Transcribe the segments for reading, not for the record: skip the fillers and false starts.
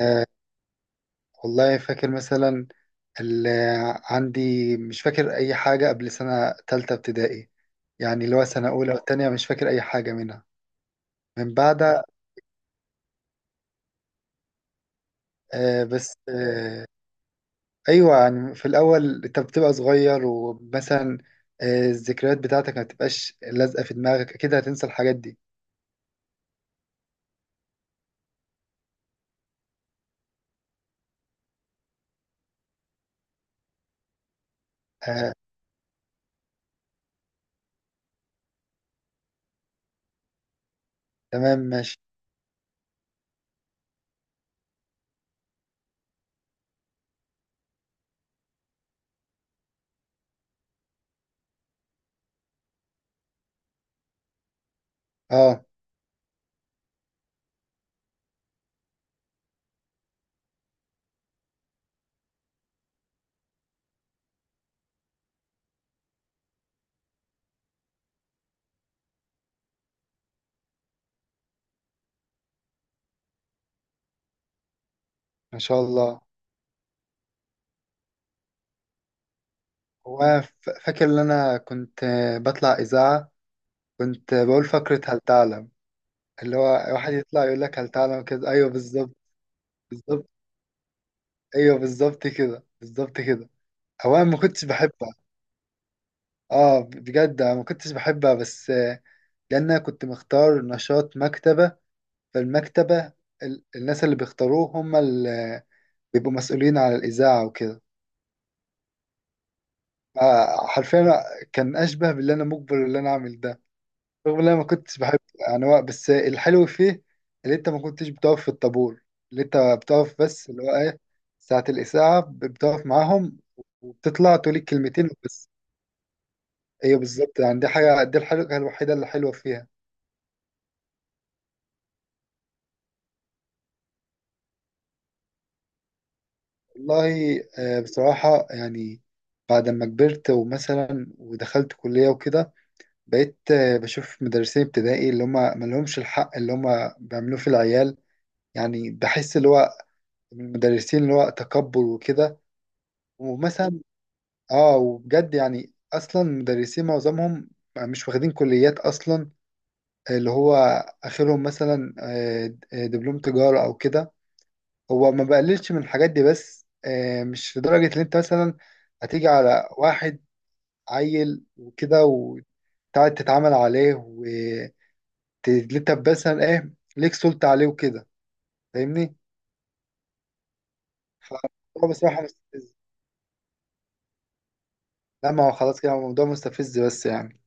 آه، والله فاكر مثلا. اللي عندي مش فاكر أي حاجة قبل سنة تالتة ابتدائي، يعني اللي هو سنة أولى والتانية مش فاكر أي حاجة منها من بعدها. آه بس أيوة، يعني في الأول أنت بتبقى صغير ومثلا الذكريات بتاعتك ما بتبقاش لازقة في دماغك، أكيد هتنسى الحاجات دي. آه تمام ماشي. أه ما شاء الله. وأنا فاكر إن أنا كنت بطلع إذاعة، كنت بقول فقرة هل تعلم، اللي هو واحد يطلع يقول لك هل تعلم كده، ايوه بالظبط. بالظبط. ايوه بالظبط كده، بالظبط كده. هو انا ما كنتش بحبها، اه بجد انا ما كنتش بحبها، بس لان انا كنت مختار نشاط مكتبه، فالمكتبه الناس اللي بيختاروه هم اللي بيبقوا مسؤولين على الاذاعه وكده. حرفيا كان اشبه باللي انا مجبر اللي انا اعمل ده رغم ان انا ما كنتش بحب. يعني هو بس الحلو فيه اللي انت ما كنتش بتقف في الطابور، اللي انت بتقف بس اللي هو ايه، ساعة الإذاعة بتقف معاهم وبتطلع تقول الكلمتين وبس. ايوه بالظبط، يعني دي حاجة، دي الحاجة الوحيدة اللي حلوة فيها. والله بصراحة يعني بعد ما كبرت ومثلا ودخلت كلية وكده، بقيت بشوف مدرسين ابتدائي اللي هم ما لهمش الحق اللي هم بيعملوه في العيال. يعني بحس اللي هو من المدرسين اللي هو تكبر وكده. ومثلا اه وبجد يعني اصلا مدرسين معظمهم مش واخدين كليات اصلا، اللي هو اخرهم مثلا دبلوم تجارة او كده. هو ما بقللش من الحاجات دي، بس مش لدرجة ان انت مثلا هتيجي على واحد عيل وكده وتقعد تتعامل عليه وانت مثلا ايه، ليك سلطة عليه وكده. فاهمني؟ فالموضوع بصراحة مستفز. لا ما هو خلاص كده الموضوع مستفز بس يعني.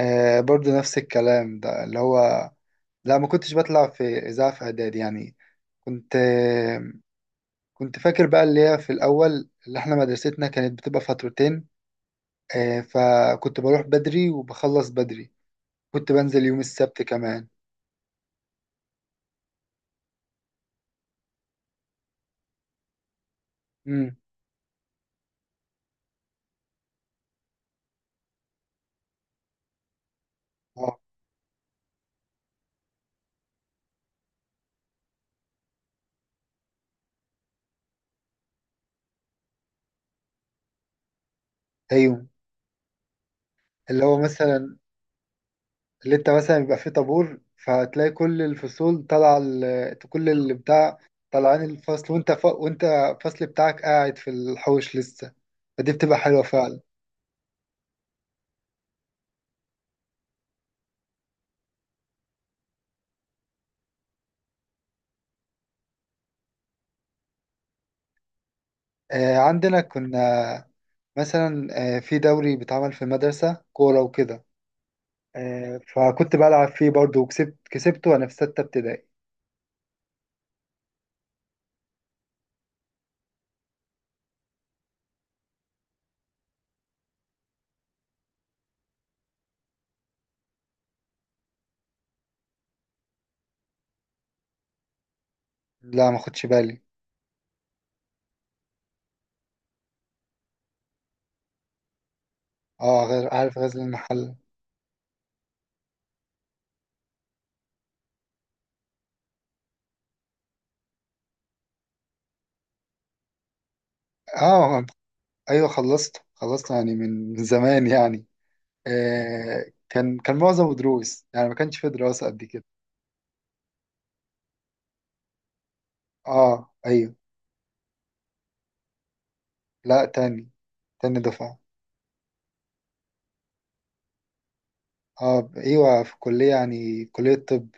برضو نفس الكلام ده اللي هو لا، ما كنتش بطلع في إذاعة في إعدادي يعني. كنت كنت فاكر بقى اللي هي في الأول اللي إحنا مدرستنا كانت بتبقى فترتين، فكنت بروح بدري وبخلص بدري، كنت بنزل يوم السبت كمان. امم. اه أيوه. اللي هو مثلا اللي أنت مثلا بيبقى فيه طابور فتلاقي كل الفصول طالعة كل اللي بتاع طالعين الفصل، وأنت وأنت الفصل بتاعك قاعد في الحوش لسه، فدي بتبقى حلوة فعلا. عندنا كنا مثلا في دوري بيتعمل في مدرسة كورة وكده، فكنت بلعب فيه برضه وكسبت كسبته وأنا في ستة ابتدائي. لا ما خدش بالي. اه، غير عارف غزل المحل. اه ايوه خلصت يعني من زمان يعني. كان معظمه دروس يعني، ما كانش في دراسة قد كده. اه ايوه. لا، تاني دفعة. اه ايوه، في كلية يعني كلية طب.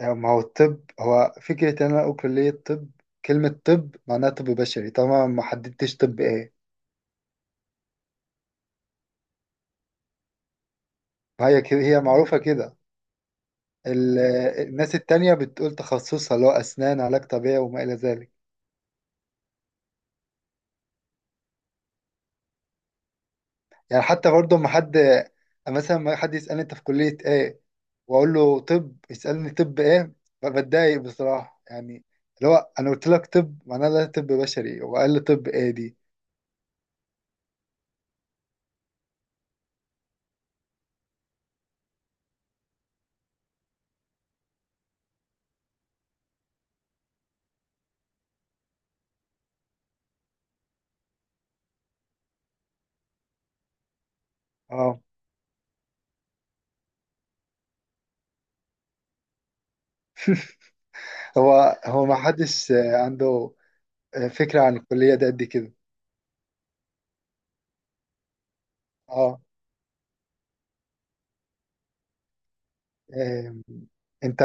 ما هو الطب هو فكرة إن أنا أقول كلية طب، كلمة طب معناها طب بشري طبعا، ما حددتش طب إيه. فهي كده هي معروفة كده. ال- الناس التانية بتقول تخصصها اللي هو أسنان، علاج طبيعي، وما إلى ذلك. يعني حتى برضه ما حد، مثلا ما حد يسألني أنت في كلية إيه وأقول له طب، يسألني طب إيه، بتضايق بصراحة يعني، اللي هو أنا قلت لك طب معناها لا طب بشري وقال لي طب إيه دي. أه، هو ما حدش عنده فكرة عن الكلية دي قد كده. اه. آم، انت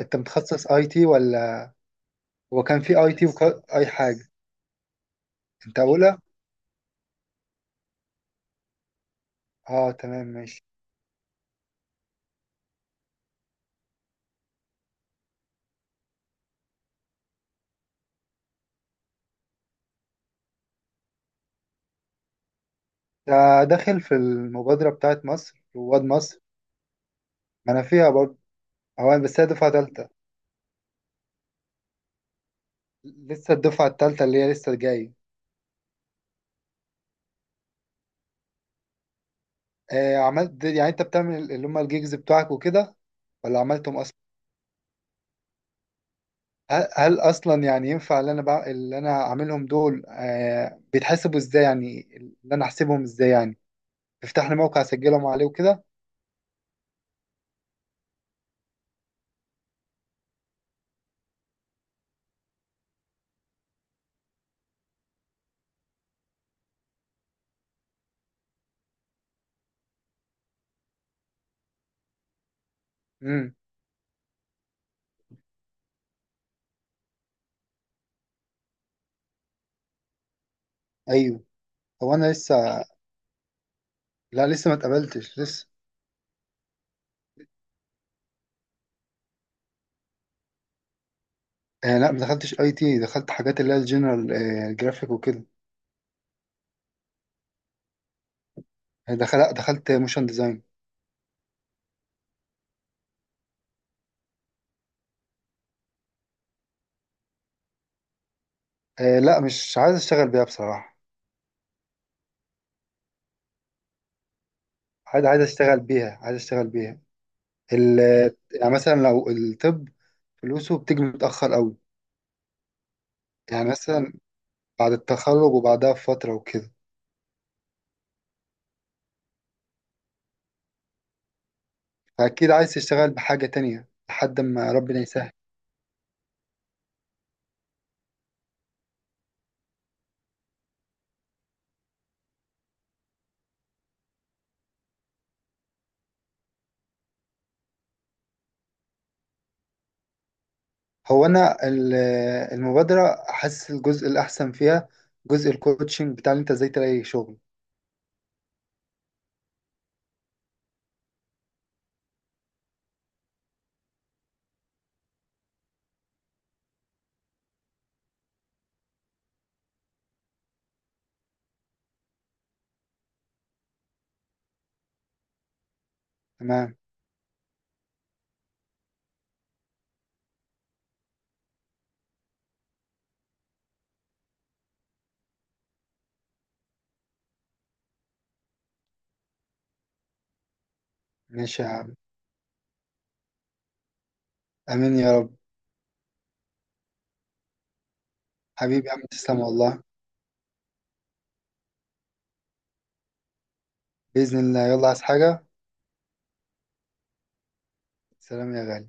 انت متخصص اي تي ولا؟ هو كان في اي تي اي حاجه. انت اولى؟ اه تمام ماشي. ده داخل في المبادره بتاعت مصر، رواد مصر؟ ما انا فيها برضه. هو بس هي دفعه تالته، لسه الدفعه التالته اللي هي لسه جايه. عملت يعني، انت بتعمل اللي هم الجيجز بتوعك وكده ولا عملتهم اصلا؟ هل اصلا يعني ينفع اللي انا اللي انا عاملهم دول بيتحسبوا ازاي، يعني اللي انا احسبهم ازاي يعني، تفتح لي موقع اسجلهم عليه وكده؟ امم. هو انا لسه، لا لسه ما اتقبلتش لسه. لا ما دخلتش اي تي، دخلت حاجات اللي هي الجنرال جرافيك وكده. آه، دخل لا، دخلت موشن ديزاين. لا مش عايز اشتغل بيها بصراحه. عايز اشتغل بيها، عايز اشتغل بيها. ال آه، يعني مثلا لو الطب فلوسه بتيجي متاخر قوي، يعني مثلا بعد التخرج وبعدها بفتره وكده، فاكيد عايز تشتغل بحاجه تانية لحد ما ربنا يسهل. هو انا المبادره حاسس الجزء الاحسن فيها جزء الكوتشنج بتاع اللي انت ازاي تلاقي شغل. تمام ماشي يا عم. امين يا رب. حبيبي يا عم، تسلم والله. باذن الله، يلا عايز حاجه؟ سلام يا غالي.